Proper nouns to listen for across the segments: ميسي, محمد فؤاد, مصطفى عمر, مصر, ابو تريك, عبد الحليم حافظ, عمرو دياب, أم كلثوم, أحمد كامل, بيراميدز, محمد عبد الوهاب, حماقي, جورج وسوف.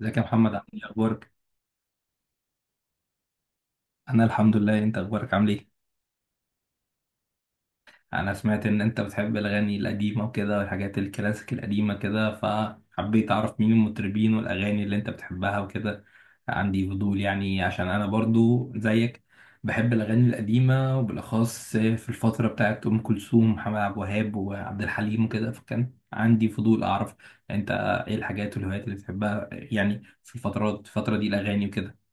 ازيك يا محمد، عامل ايه، اخبارك؟ انا الحمد لله. انت اخبارك، عامل ايه؟ انا سمعت ان انت بتحب الاغاني القديمه وكده والحاجات الكلاسيك القديمه كده، فحبيت اعرف مين المطربين والاغاني اللي انت بتحبها وكده. عندي فضول يعني، عشان انا برضو زيك بحب الاغاني القديمه وبالاخص في الفتره بتاعت ام كلثوم، محمد عبد الوهاب، وعبد الحليم وكده. فكان عندي فضول اعرف انت ايه الحاجات والهوايات اللي بتحبها يعني في الفتره دي، الاغاني وكده.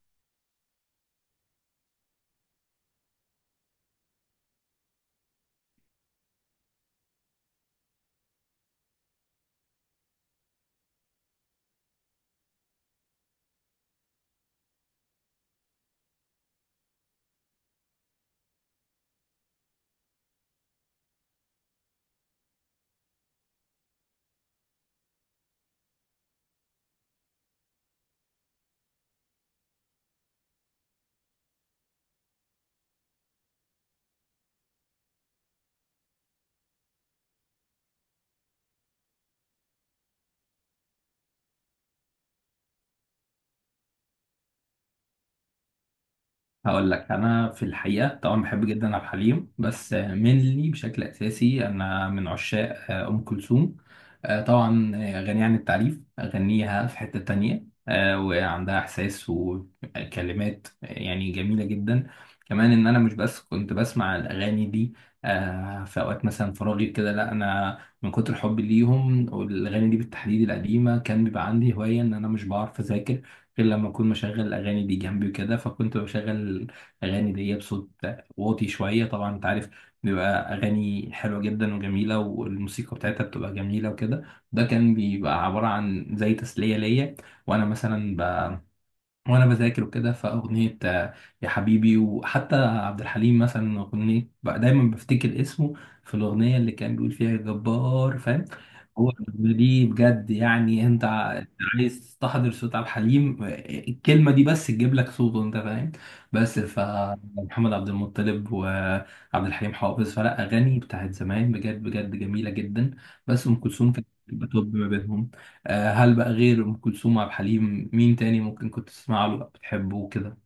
هقول لك، انا في الحقيقه طبعا بحب جدا عبد الحليم، بس منلي بشكل اساسي انا من عشاق ام كلثوم. طبعا غنية عن التعريف، اغنيها في حته تانية. وعندها احساس وكلمات يعني جميله جدا. كمان ان انا مش بس كنت بسمع الاغاني دي في اوقات مثلا فراغي كده، لا انا من كتر حبي ليهم والاغاني دي بالتحديد القديمه، كان بيبقى عندي هوايه ان انا مش بعرف اذاكر غير لما اكون مشغل الاغاني دي جنبي وكده. فكنت بشغل الاغاني دي بصوت واطي شويه، طبعا انت عارف بيبقى اغاني حلوه جدا وجميله، والموسيقى بتاعتها بتبقى جميله وكده. ده كان بيبقى عباره عن زي تسليه ليا وانا مثلا وانا بذاكر وكده. فاغنيه يا حبيبي، وحتى عبد الحليم مثلا اغنيه بقى دايما بفتكر اسمه في الاغنيه اللي كان بيقول فيها يا جبار، فاهم؟ هو الاغنيه دي بجد يعني انت عايز تستحضر صوت عبد الحليم، الكلمه دي بس تجيب لك صوته، انت فاهم. بس فمحمد عبد المطلب وعبد الحليم حافظ، فلا اغاني بتاعت زمان بجد بجد جميله جدا، بس ام كلثوم كانت بتبقى توب ما بينهم. هل بقى غير ام كلثوم، عبد الحليم، مين تاني ممكن كنت تسمع له بتحبه وكده؟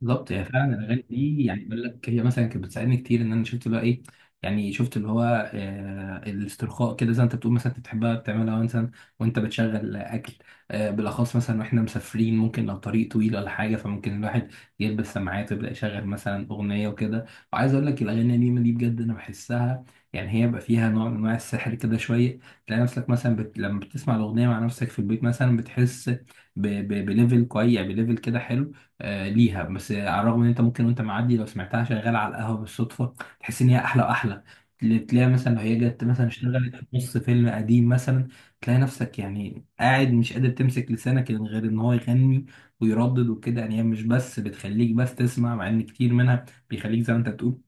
بالظبط، هي فعلا الاغاني دي يعني بقول لك هي مثلا كانت بتساعدني كتير ان انا شفت بقى ايه، يعني شفت اللي هو الاسترخاء كده، زي ما انت بتقول مثلا انت بتحبها بتعملها مثلا وانت بتشغل اكل. بالاخص مثلا واحنا مسافرين، ممكن لو طريق طويل ولا حاجه، فممكن الواحد يلبس سماعات ويبدا يشغل مثلا اغنيه وكده. وعايز اقول لك الاغاني القديمه دي بجد انا بحسها يعني هي بقى فيها نوع من انواع السحر كده شويه. تلاقي نفسك مثلا لما بتسمع الاغنيه مع نفسك في البيت مثلا بتحس بليفل كويس، يعني بليفل كده حلو ليها. بس على الرغم ان انت ممكن وانت معدي لو سمعتها شغاله على القهوه بالصدفه، تحس ان هي احلى واحلى. تلاقيها مثلا لو هي جت مثلا اشتغلت في نص فيلم قديم مثلا، تلاقي نفسك يعني قاعد مش قادر تمسك لسانك، يعني غير ان هو يغني ويردد وكده. يعني هي مش بس بتخليك بس تسمع، مع ان كتير منها بيخليك زي ما انت بتقول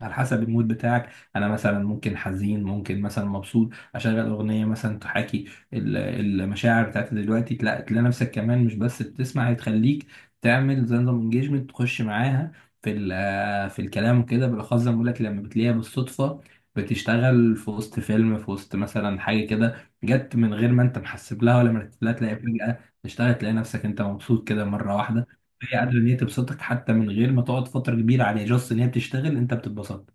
على حسب المود بتاعك. انا مثلا ممكن حزين، ممكن مثلا مبسوط، اشغل اغنيه مثلا تحاكي ال- المشاعر بتاعتي دلوقتي، تلاقي نفسك كمان مش بس بتسمع، هي تخليك تعمل زي نظام انجيجمنت، تخش معاها في الكلام وكده، بالاخص زي ما بقول لك لما بتلاقيها بالصدفه بتشتغل في وسط فيلم، في وسط مثلا حاجه كده جت من غير ما انت محسب لها ولا مرتب لها، تلاقي فجاه تشتغل، تلاقي نفسك انت مبسوط كده مره واحده. هي قادرة ان هي تبسطك حتى من غير ما تقعد فترة كبيرة عليها، جاست ان هي بتشتغل انت بتتبسط.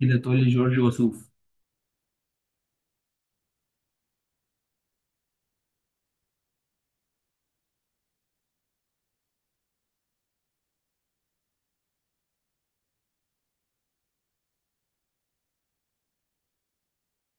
كده تقول لي جورج وسوف؟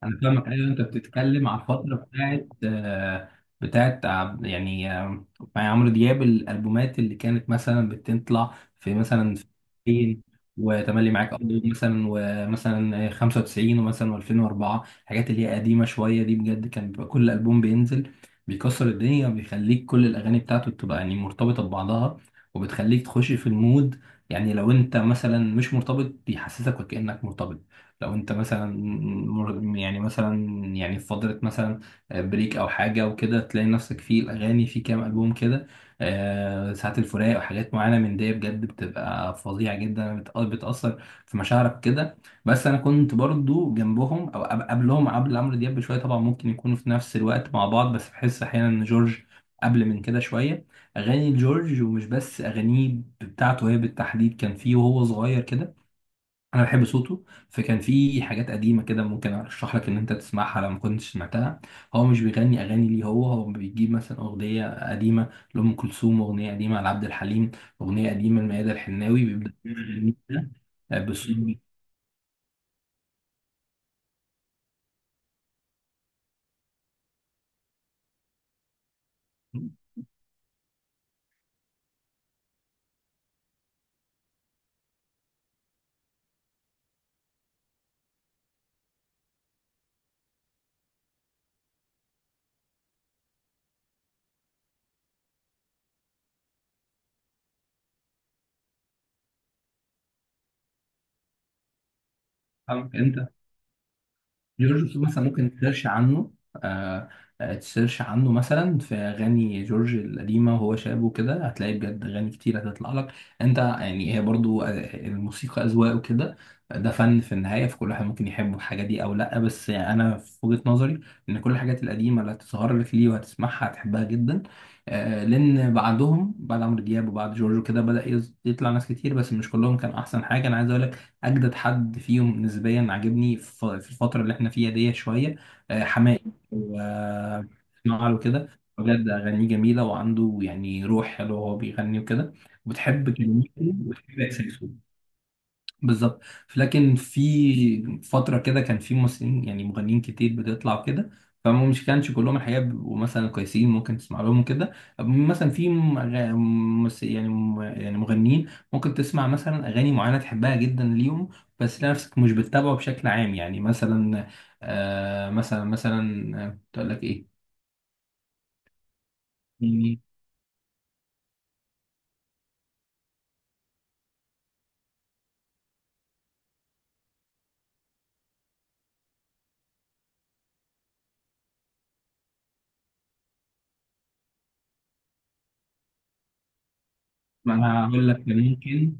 انا فاهمك، ايوه، انت بتتكلم على الفتره بتاعت بتاعت عب- يعني آه، مع عمرو دياب، الالبومات اللي كانت مثلا بتطلع في مثلا في 2000 وتملي معاك، قضية مثلا، ومثلا 95 ومثلا و2004، الحاجات اللي هي قديمه شويه دي بجد كان بيبقى كل البوم بينزل بيكسر الدنيا، بيخليك كل الاغاني بتاعته بتبقى يعني مرتبطه ببعضها، وبتخليك تخش في المود. يعني لو انت مثلا مش مرتبط، بيحسسك وكانك مرتبط. لو انت مثلا مر- يعني مثلا في فترة مثلا بريك او حاجة وكده، تلاقي نفسك في الاغاني في كام البوم كده ساعات الفراق وحاجات معينة من دي، بجد بتبقى فظيعة جدا، بتأثر في مشاعرك كده. بس انا كنت برضو جنبهم او قبلهم، قبل عمرو دياب بشوية. طبعا ممكن يكونوا في نفس الوقت مع بعض، بس بحس احيانا ان جورج قبل من كده شوية. أغاني جورج، ومش بس أغانيه بتاعته هي بالتحديد، كان فيه وهو صغير كده انا بحب صوته، فكان في حاجات قديمه كده ممكن ارشح لك ان انت تسمعها لو ما كنتش سمعتها. هو مش بيغني اغاني ليه، هو بيجيب مثلا اغنيه قديمه لام كلثوم، اغنيه قديمه لعبد الحليم، اغنيه قديمه لميادة الحناوي، بيبدا بالصوت انت. جورج وسوف مثلا ممكن تسيرش عنه مثلا في اغاني جورج القديمه وهو شاب وكده، هتلاقي بجد اغاني كتير هتطلع لك انت. يعني هي برضو الموسيقى اذواق وكده، ده فن في النهايه، فكل واحد ممكن يحب الحاجه دي او لا. بس يعني انا في وجهه نظري ان كل الحاجات القديمه اللي هتظهر لك ليه وهتسمعها هتحبها جدا. لان بعدهم، بعد عمرو دياب وبعد جورج وكده، بدا يطلع ناس كتير بس مش كلهم كان احسن حاجه. انا عايز اقول لك اجدد حد فيهم نسبيا عاجبني في الفتره اللي احنا فيها دي شويه، حماقي. واسمع له كده، بجد اغانيه جميله، وعنده يعني روح حلوه وهو بيغني وكده، وبتحب كلماته وبتحب احساسه. بالظبط. لكن في فترة كده كان في ممثلين، يعني مغنيين كتير بتطلع كده، فما مش كانش كلهم الحقيقة بيبقوا مثلا كويسين ممكن تسمع لهم كده. مثلا في مغنيين ممكن تسمع مثلا أغاني معينة تحبها جدا ليهم، بس تلاقي نفسك مش بتتابعه بشكل عام. يعني مثلا آه مثلا مثلا كنت أقول لك إيه؟ يعني ما أنا هقول لك، ممكن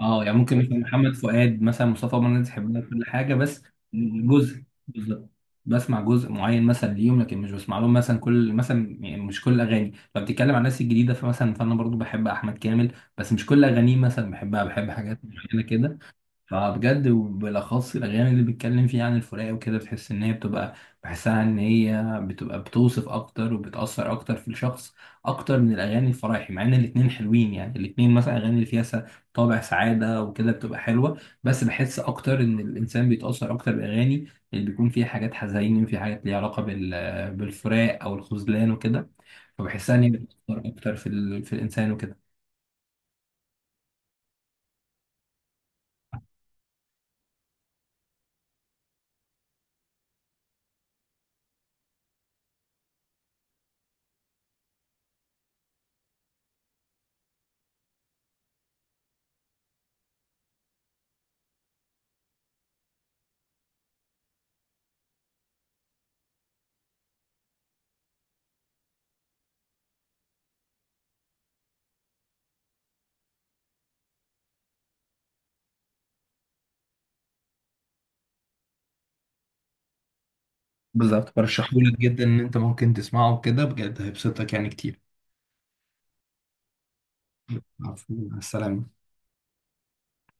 اه يعني ممكن مثلا محمد فؤاد مثلا، مصطفى عمر، تحبنا كل حاجه بس جزء، بالظبط بسمع جزء معين مثلا ليهم لكن مش بسمع لهم مثلا كل، مثلا يعني مش كل اغاني. لو بتتكلم عن الناس الجديده فمثلا فانا برضو بحب احمد كامل، بس مش كل اغانيه مثلا بحبها، بحب حاجات معينه كده. فبجد وبالاخص الاغاني اللي بيتكلم فيها عن الفراق وكده، بتحس ان هي بتبقى، بحسها ان هي بتبقى بتوصف اكتر وبتاثر اكتر في الشخص، اكتر من الاغاني الفرايحي، مع ان الاتنين حلوين. يعني الاتنين مثلا اغاني اللي فيها طابع سعاده وكده بتبقى حلوه، بس بحس اكتر ان الانسان بيتاثر اكتر بالاغاني اللي بيكون فيها حاجات حزين، في حاجات ليها علاقه بالفراق او الخذلان وكده، فبحسها ان هي بتاثر اكتر في الانسان وكده. بالظبط، برشحهولك جدا، ان انت ممكن تسمعه كده بجد هيبسطك يعني كتير. عفوا، مع السلامة.